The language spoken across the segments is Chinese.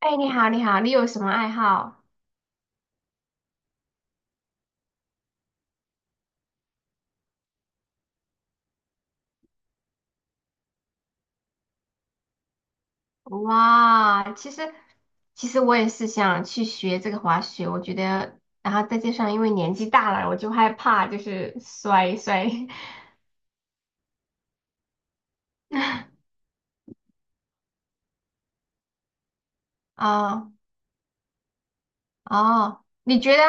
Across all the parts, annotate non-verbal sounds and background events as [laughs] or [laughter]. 哎，你好，你好，你有什么爱好？哇，其实我也是想去学这个滑雪，我觉得，然后再加上因为年纪大了，我就害怕就是摔。[laughs] 啊，哦，你觉得？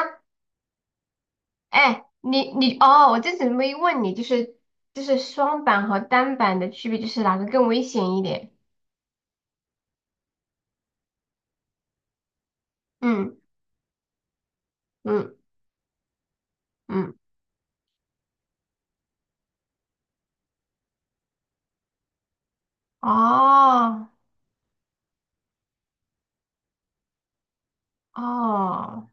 哎，你哦，我这次没问你，就是双板和单板的区别，就是哪个更危险一点？嗯嗯嗯，哦哦，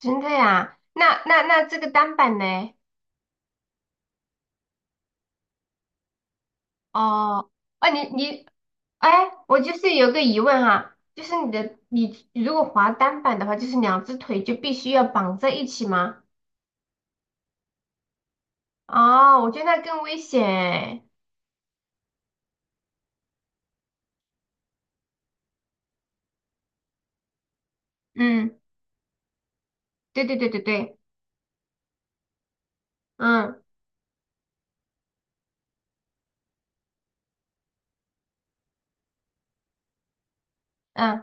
真的呀？那这个单板呢？哦，啊，你，哎，我就是有个疑问哈，就是你如果滑单板的话，就是两只腿就必须要绑在一起吗？哦，我觉得那更危险欸。嗯，对对对对对，嗯嗯，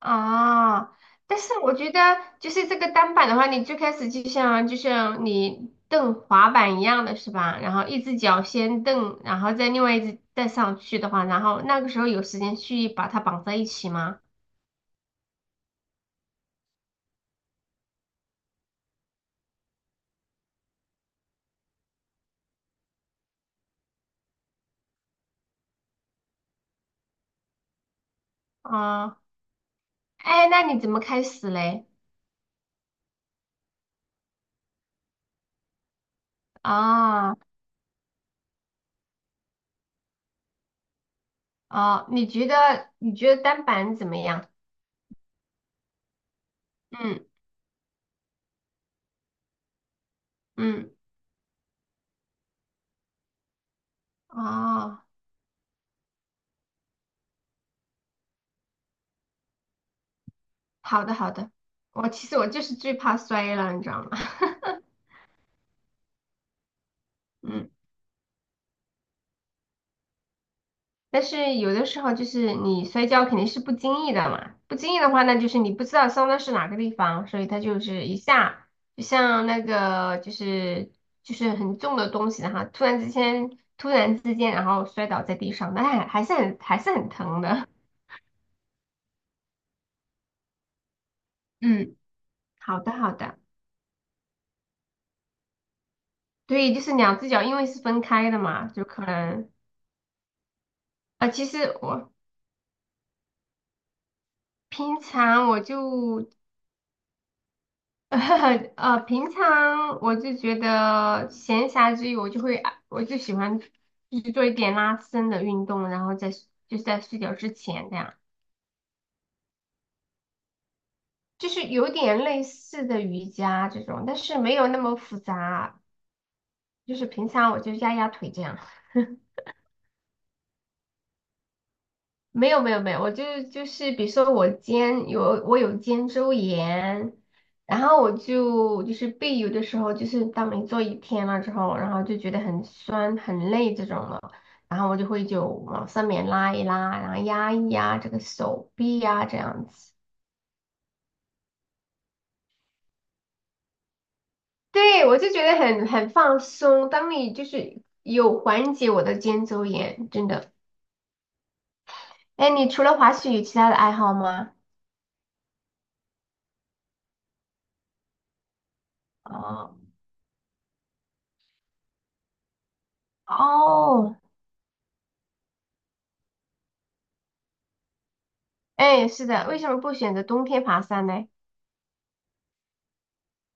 哦，但是我觉得就是这个单板的话，你最开始就像你蹬滑板一样的是吧？然后一只脚先蹬，然后再另外一只再上去的话，然后那个时候有时间去把它绑在一起吗？啊。哎，那你怎么开始嘞？啊，哦，你觉得单板怎么样？嗯嗯，哦，好的好的，我其实我就是最怕摔了，你知道吗？[laughs] 嗯，但是有的时候就是你摔跤肯定是不经意的嘛，不经意的话呢，那就是你不知道伤的是哪个地方，所以它就是一下。就像那个就是就是很重的东西，然后突然之间，然后摔倒在地上，但还是很疼的。[laughs] 嗯。好的，好的，对，就是两只脚，因为是分开的嘛，就可能。啊，呃，其实我平常我就 [laughs]，呃，平常我就觉得闲暇之余，我就会，我就喜欢做一点拉伸的运动，然后在就是在睡觉之前这样。就是有点类似的瑜伽这种，但是没有那么复杂，就是平常我就压压腿这样。没有没有没有，我就是比如说我我有肩周炎，然后我就是背有的时候就是当你做一天了之后，然后就觉得很酸很累这种了，然后我就会就往上面拉一拉，然后压一压这个手臂呀、这样子。对，我就觉得很很放松。当你就是有缓解我的肩周炎，真的。哎，你除了滑雪有其他的爱好吗？哦哦，哎，是的，为什么不选择冬天爬山呢？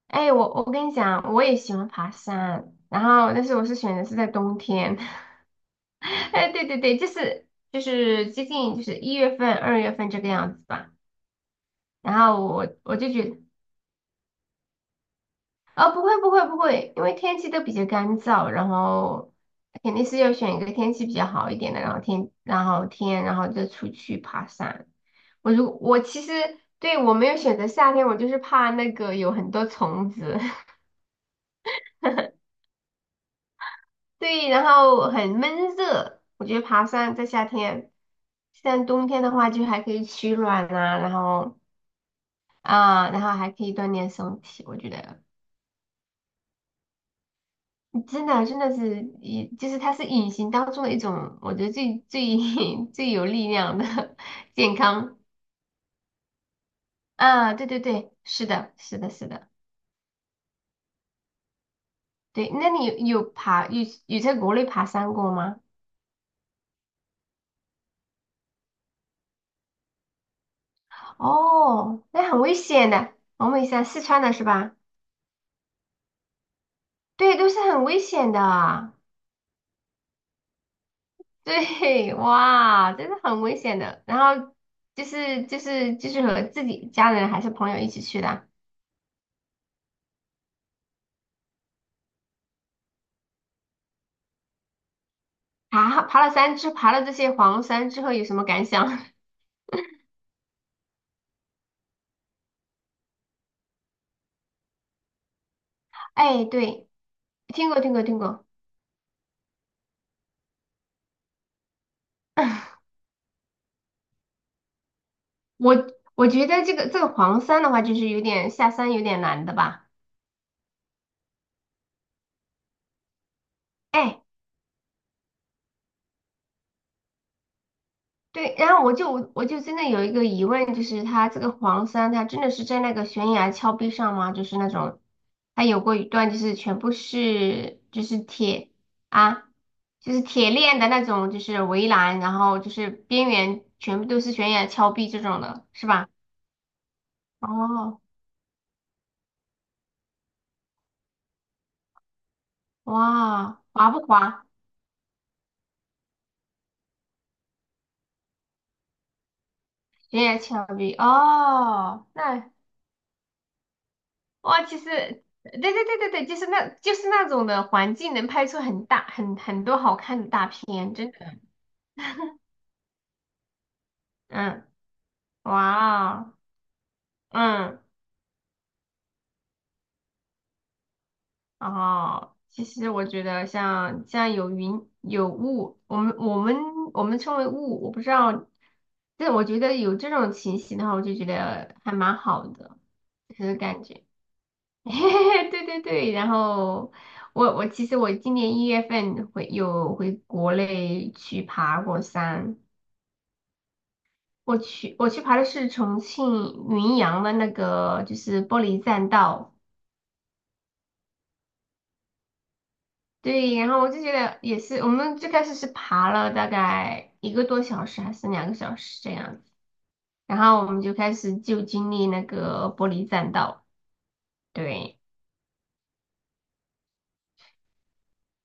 哎，我跟你讲，我也喜欢爬山，然后但是我是选择是在冬天。[laughs] 哎，对对对，就是接近就是一月份、二月份这个样子吧。然后我就觉得，哦，不会不会不会，因为天气都比较干燥，然后肯定是要选一个天气比较好一点的，然后天然后天然后再出去爬山。我如我其实对，我没有选择夏天，我就是怕那个有很多虫子。[laughs] 对，然后很闷热，我觉得爬山在夏天，像冬天的话就还可以取暖啊，然后啊，然后还可以锻炼身体，我觉得真的真的是隐，就是它是隐形当中的一种，我觉得最 [laughs] 最有力量的 [laughs] 健康。啊，对对对，是的，是的，是的。对，那你有在国内爬山过吗？哦，那很危险的，我问一下，四川的是吧？对，都是很危险的。[laughs] 对，哇，真的很危险的。然后就是和自己家人还是朋友一起去的。啊，爬了这些黄山之后有什么感想？[laughs] 哎，对，听过听过听过。[laughs] 我我觉得这个黄山的话，就是有点下山有点难的吧。哎，对，然后我真的有一个疑问，就是它这个黄山，它真的是在那个悬崖峭壁上吗？就是那种，它有过一段就是全部是铁，啊，就是铁链的那种，就是围栏，然后就是边缘全部都是悬崖峭壁这种的，是吧？哦，哇，滑不滑？悬崖峭壁，哦，那哇，其实，对对对对对，就是那，就是那种的环境能拍出很大、很多好看的大片，真的。嗯，哇，嗯，哦，其实我觉得像像有云有雾，我们称为雾，我不知道，但我觉得有这种情形的话，我就觉得还蛮好的，就是感觉。[laughs] 对对对，然后我我其实我今年一月份回有回国内去爬过山。我去爬的是重庆云阳的那个，就是玻璃栈道。对，然后我就觉得也是，我们最开始是爬了大概一个多小时还是两个小时这样子，然后我们就开始就经历那个玻璃栈道。对，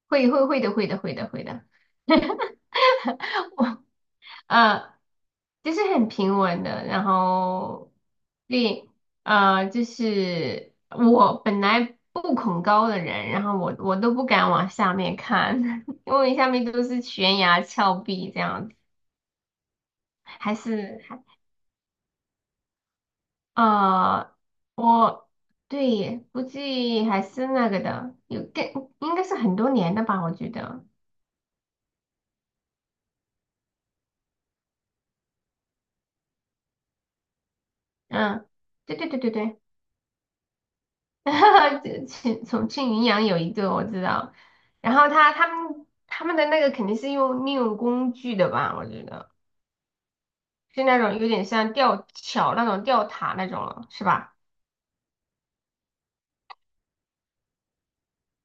会会会的，会的，会的，会的。呃，就是很平稳的，然后对。呃，就是我本来不恐高的人，然后我都不敢往下面看，[laughs] 因为下面都是悬崖峭壁这样子，还是。呃，我对，估计还是那个的，应该是很多年的吧，我觉得。嗯，对对对对对。[laughs] 哈，哈，重庆云阳有一个我知道，然后他们的那个肯定是用利用工具的吧，我觉得是那种有点像吊桥那种吊塔那种了，是吧？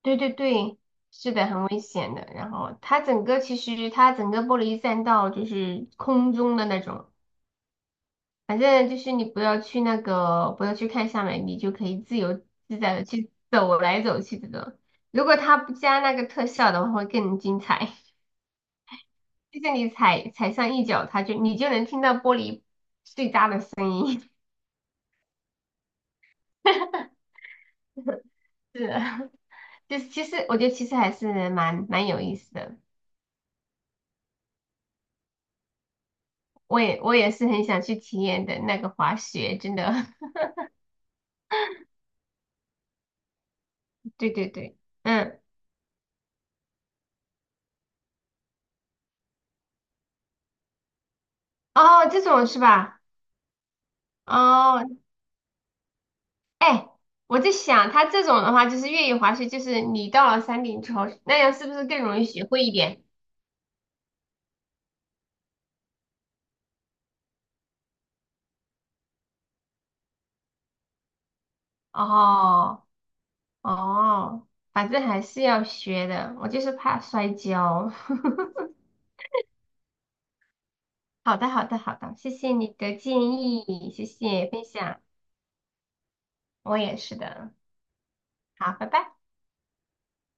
对对对，是的，很危险的。然后它整个玻璃栈道就是空中的那种，反正就是你不要去那个不要去看下面，你就可以自由自在的去走来走去这种。如果它不加那个特效的话，会更精彩。[laughs] 就是你踩上一脚，它就你就能听到玻璃碎渣的声音。[laughs] 是的。就是其实我觉得其实还是蛮有意思的。我也是很想去体验的那个滑雪，真的。[laughs] 对对对，嗯，哦，这种是吧？哦，哎，我在想，它这种的话就是越野滑雪，就是你到了山顶之后，那样是不是更容易学会一点？哦哦，反正还是要学的，我就是怕摔跤。[laughs] 好的，好的，好的，谢谢你的建议，谢谢分享，我也是的。好，拜拜。